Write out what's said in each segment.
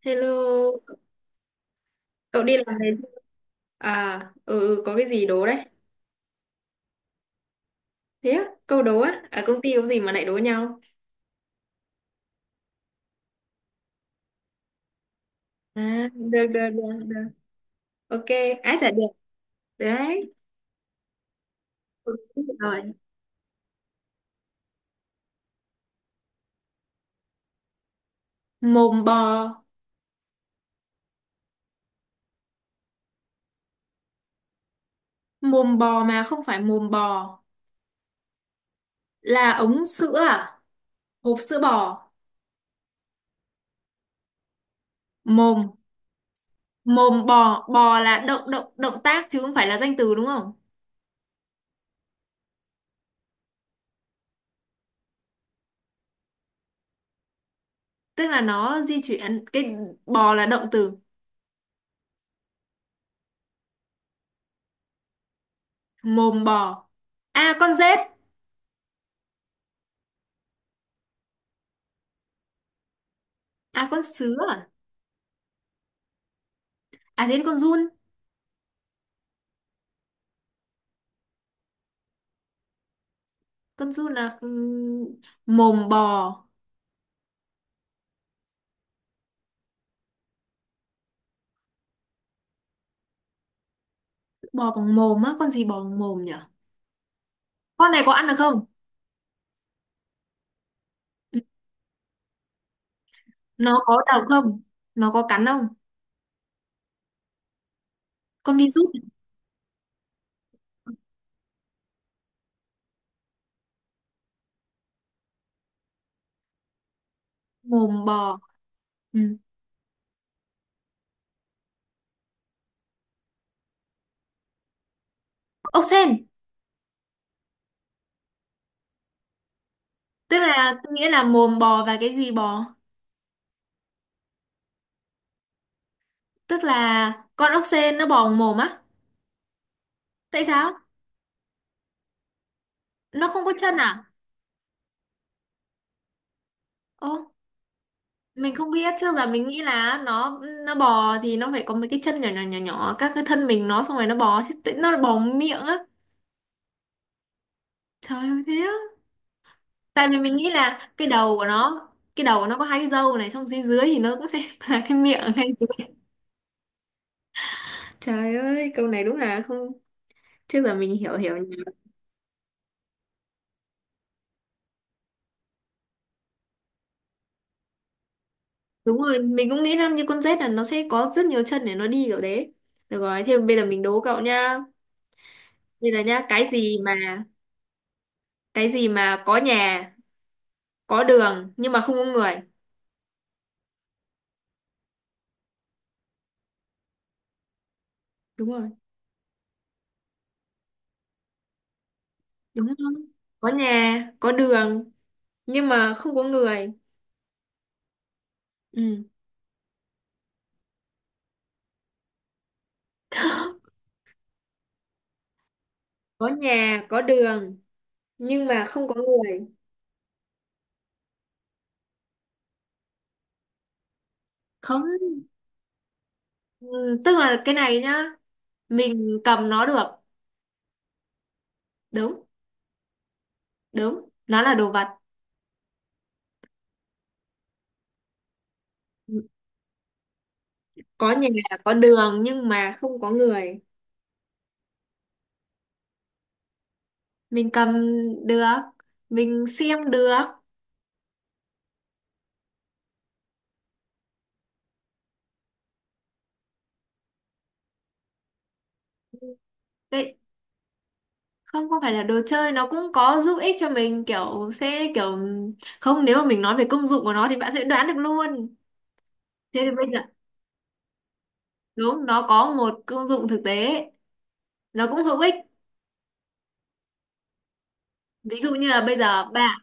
Hello, cậu đi làm về chưa? À, ừ, ừ, có cái gì đố đấy? Thế á, câu đố á, ở công ty có gì mà lại đố nhau? À, được, được, được, được. Ok, ai trả được, được đấy. Ừ, rồi. Mồm bò, mồm bò mà không phải mồm bò, là ống sữa à? Hộp sữa bò, mồm, mồm bò, bò là động tác chứ không phải là danh từ đúng không? Tức là nó di chuyển, cái bò là động từ, mồm bò. À, con dết, à, con sứa à? À thế con giun. Con giun là mồm bò. Bò bằng mồm á? Con gì bò bằng mồm nhỉ? Con này có ăn được không? Ừ, nó có đau không? Nó có cắn không? Con virus. Mồm bò. Ừ. Ốc sên. Tức là nghĩa là mồm bò và cái gì bò? Tức là con ốc sên nó bò bằng mồm á? Tại sao? Nó không có chân à? Ô, mình không biết, trước là mình nghĩ là nó bò thì nó phải có mấy cái chân nhỏ nhỏ nhỏ nhỏ các cái thân mình nó xong rồi nó bò chứ tự- nó bò bằng miệng á? Trời ơi thế, tại vì mình nghĩ là cái đầu của nó, cái đầu của nó có hai cái râu này xong dưới dưới thì nó có thể là cái miệng ở ngay dưới. Trời ơi câu này đúng là không, trước giờ mình hiểu hiểu nhỉ. Đúng rồi mình cũng nghĩ là như con rết là nó sẽ có rất nhiều chân để nó đi kiểu đấy. Được rồi thế bây giờ mình đố cậu nhá. Bây giờ nhá, cái gì mà, cái gì mà có nhà có đường nhưng mà không có người? Đúng rồi. Đúng không, có nhà có đường nhưng mà không có người. Ừ, có nhà có đường nhưng mà không có người. Không. Ừ, tức là cái này nhá, mình cầm nó được. Đúng, đúng nó là đồ vật. Có nhà có đường nhưng mà không có người. Mình cầm được, mình xem được. Đấy, không có phải là đồ chơi, nó cũng có giúp ích cho mình kiểu sẽ kiểu, không nếu mà mình nói về công dụng của nó thì bạn sẽ đoán được luôn. Thế thì bây giờ, đúng nó có một công dụng thực tế, nó cũng hữu ích. Ví dụ như là bây giờ bạn,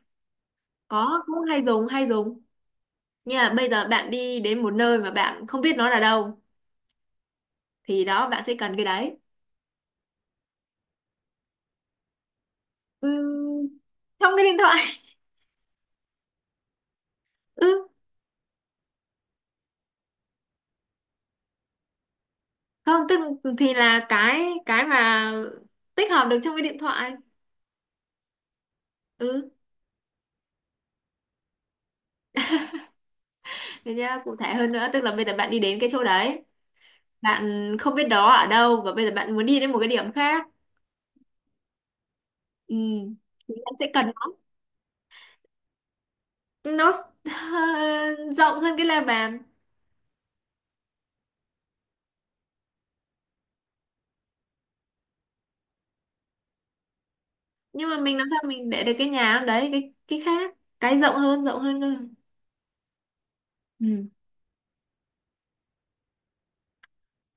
có cũng hay dùng hay dùng. Như là bây giờ bạn đi đến một nơi mà bạn không biết nó là đâu thì đó bạn sẽ cần cái đấy. Ừm, trong cái điện thoại. Ừ, không tức thì là cái mà tích hợp được trong cái điện thoại. Ừ, thế nhá, cụ thể hơn nữa tức là bây giờ bạn đi đến cái chỗ đấy, bạn không biết đó ở đâu và bây giờ bạn muốn đi đến một cái điểm khác. Ừ thì bạn sẽ cần nó. Nó rộng hơn cái la bàn, nhưng mà mình làm sao mình để được cái nhà đấy cái khác, cái rộng hơn cơ. Ừ.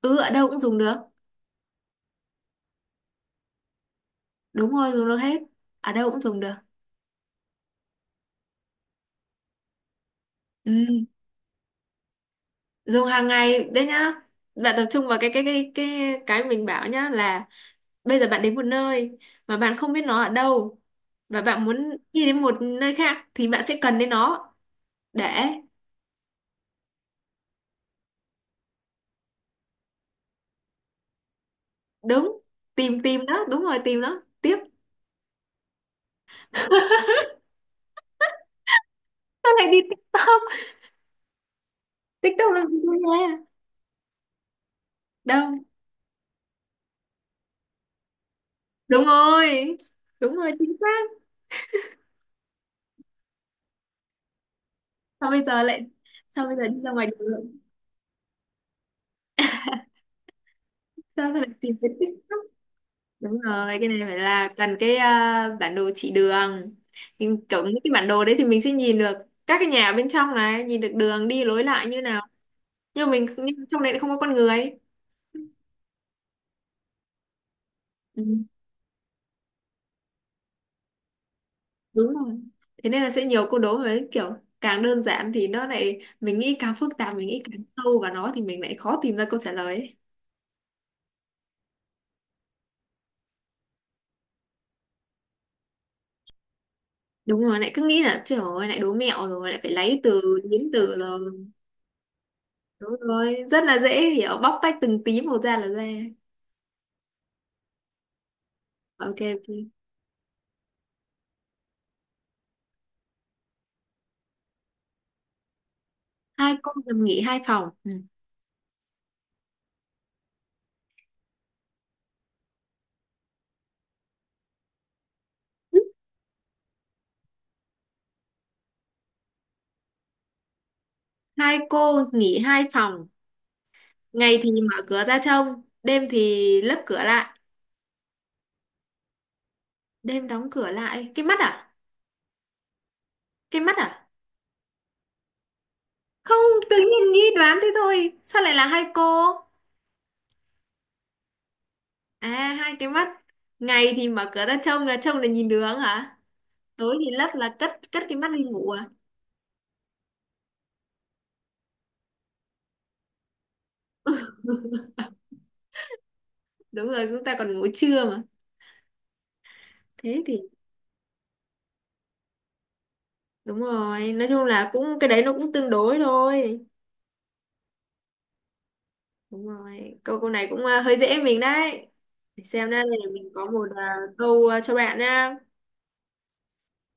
Ừ ở đâu cũng dùng được. Đúng rồi, dùng được hết. Ở đâu cũng dùng được. Ừ. Dùng hàng ngày đấy nhá. Bạn tập trung vào cái cái mình bảo nhá là bây giờ bạn đến một nơi mà bạn không biết nó ở đâu và bạn muốn đi đến một nơi khác thì bạn sẽ cần đến nó để đúng tìm tìm đó, đúng rồi tìm nó. Tiếp. Sao lại đi TikTok? TikTok làm gì đâu nha. Đâu? Đúng rồi. Đúng rồi, chính xác. Sao bây giờ lại, sao bây giờ đi ra ngoài đường, sao lại tìm đến TikTok? Đúng rồi cái này phải là cần cái bản đồ chỉ đường, nhưng kiểu những cái bản đồ đấy thì mình sẽ nhìn được các cái nhà bên trong này, nhìn được đường đi lối lại như nào, nhưng mà mình nhưng trong đấy lại không có con người. Ừ, đúng rồi thế nên là sẽ nhiều câu đố với kiểu càng đơn giản thì nó lại mình nghĩ càng phức tạp, mình nghĩ càng sâu vào nó thì mình lại khó tìm ra câu trả lời ấy. Đúng rồi lại cứ nghĩ là trời ơi lại đố mẹo rồi lại phải lấy từ, biến từ rồi. Đúng rồi rất là dễ hiểu, bóc tách từng tí một ra là ra. Ok ok. Hai cô nằm nghỉ hai phòng. Ừ. Hai cô nghỉ hai phòng, ngày thì mở cửa ra trông, đêm thì lấp cửa lại. Đêm đóng cửa lại, cái mắt à? Cái mắt à? Không, tự nhiên nghĩ đoán thế thôi, sao lại là hai cô? À hai cái mắt. Ngày thì mở cửa ra trông là nhìn đường hả? Tối thì lấp là cất cất cái mắt đi ngủ à? Đúng rồi chúng ta còn ngủ trưa mà. Thế thì, đúng rồi nói chung là cũng cái đấy nó cũng tương đối thôi. Đúng rồi câu câu này cũng hơi dễ mình đấy. Để xem đây, mình có một câu cho bạn nha.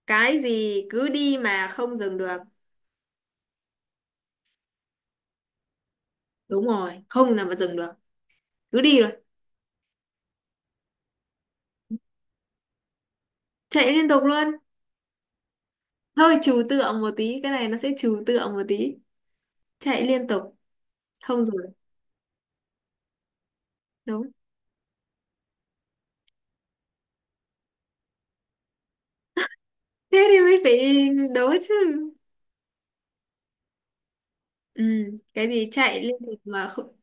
Cái gì cứ đi mà không dừng được? Đúng rồi không là mà dừng được, cứ đi rồi. Chạy liên tục luôn. Hơi trừu tượng một tí, cái này nó sẽ trừu tượng một tí. Chạy liên tục, không dừng được. Đúng. Thế thì mới phải đố chứ. Ừ cái gì chạy liên tục mà không.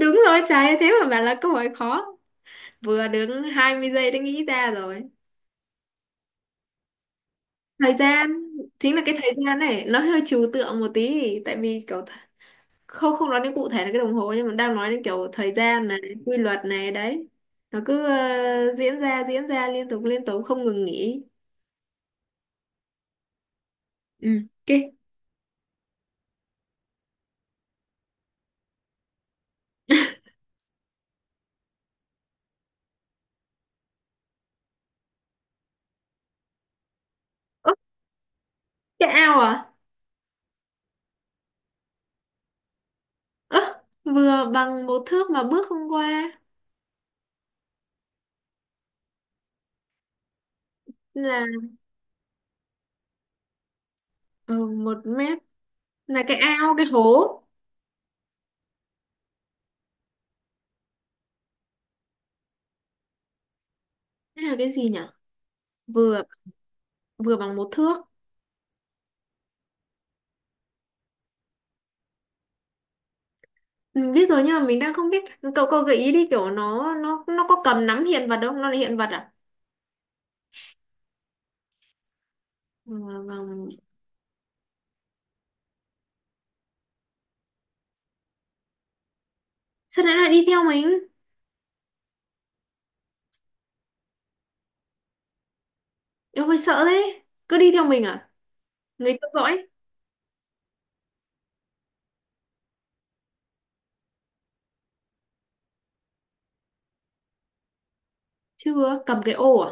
Đúng rồi trái thế mà bảo là câu hỏi khó, vừa đứng 20 giây đã nghĩ ra rồi. Thời gian, chính là cái thời gian này nó hơi trừu tượng một tí tại vì kiểu th-, không không nói đến cụ thể là cái đồng hồ nhưng mà đang nói đến kiểu thời gian này, quy luật này đấy, nó cứ diễn ra liên tục không ngừng nghỉ. Ừ ok. Ơ cái ao à? Ơ vừa bằng một thước mà bước không qua. Là ừ, một mét. Là cái ao cái hố. Cái là cái gì nhỉ? Vừa, vừa bằng một thước. Mình biết rồi nhưng mà mình đang không biết. Cậu cậu gợi ý đi kiểu nó có cầm nắm hiện vật không, nó là hiện vật à? Ừ, vâng. Sao nãy lại đi theo mình? Em hơi sợ thế. Cứ đi theo mình à? Người theo dõi. Chưa cầm cái ô à?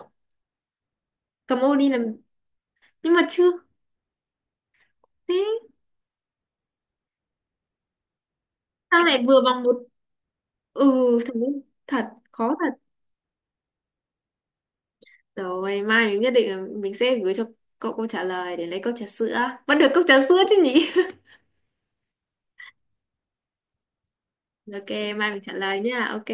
Cầm ô đi làm nhưng mà chưa thế. Sao lại vừa bằng một. Ừ. Thật, thật. Khó thật. Rồi mai mình nhất định là mình sẽ gửi cho cậu câu trả lời để lấy cốc trà sữa. Vẫn được cốc trà sữa chứ nhỉ? Ok mai mình trả lời nha. Ok.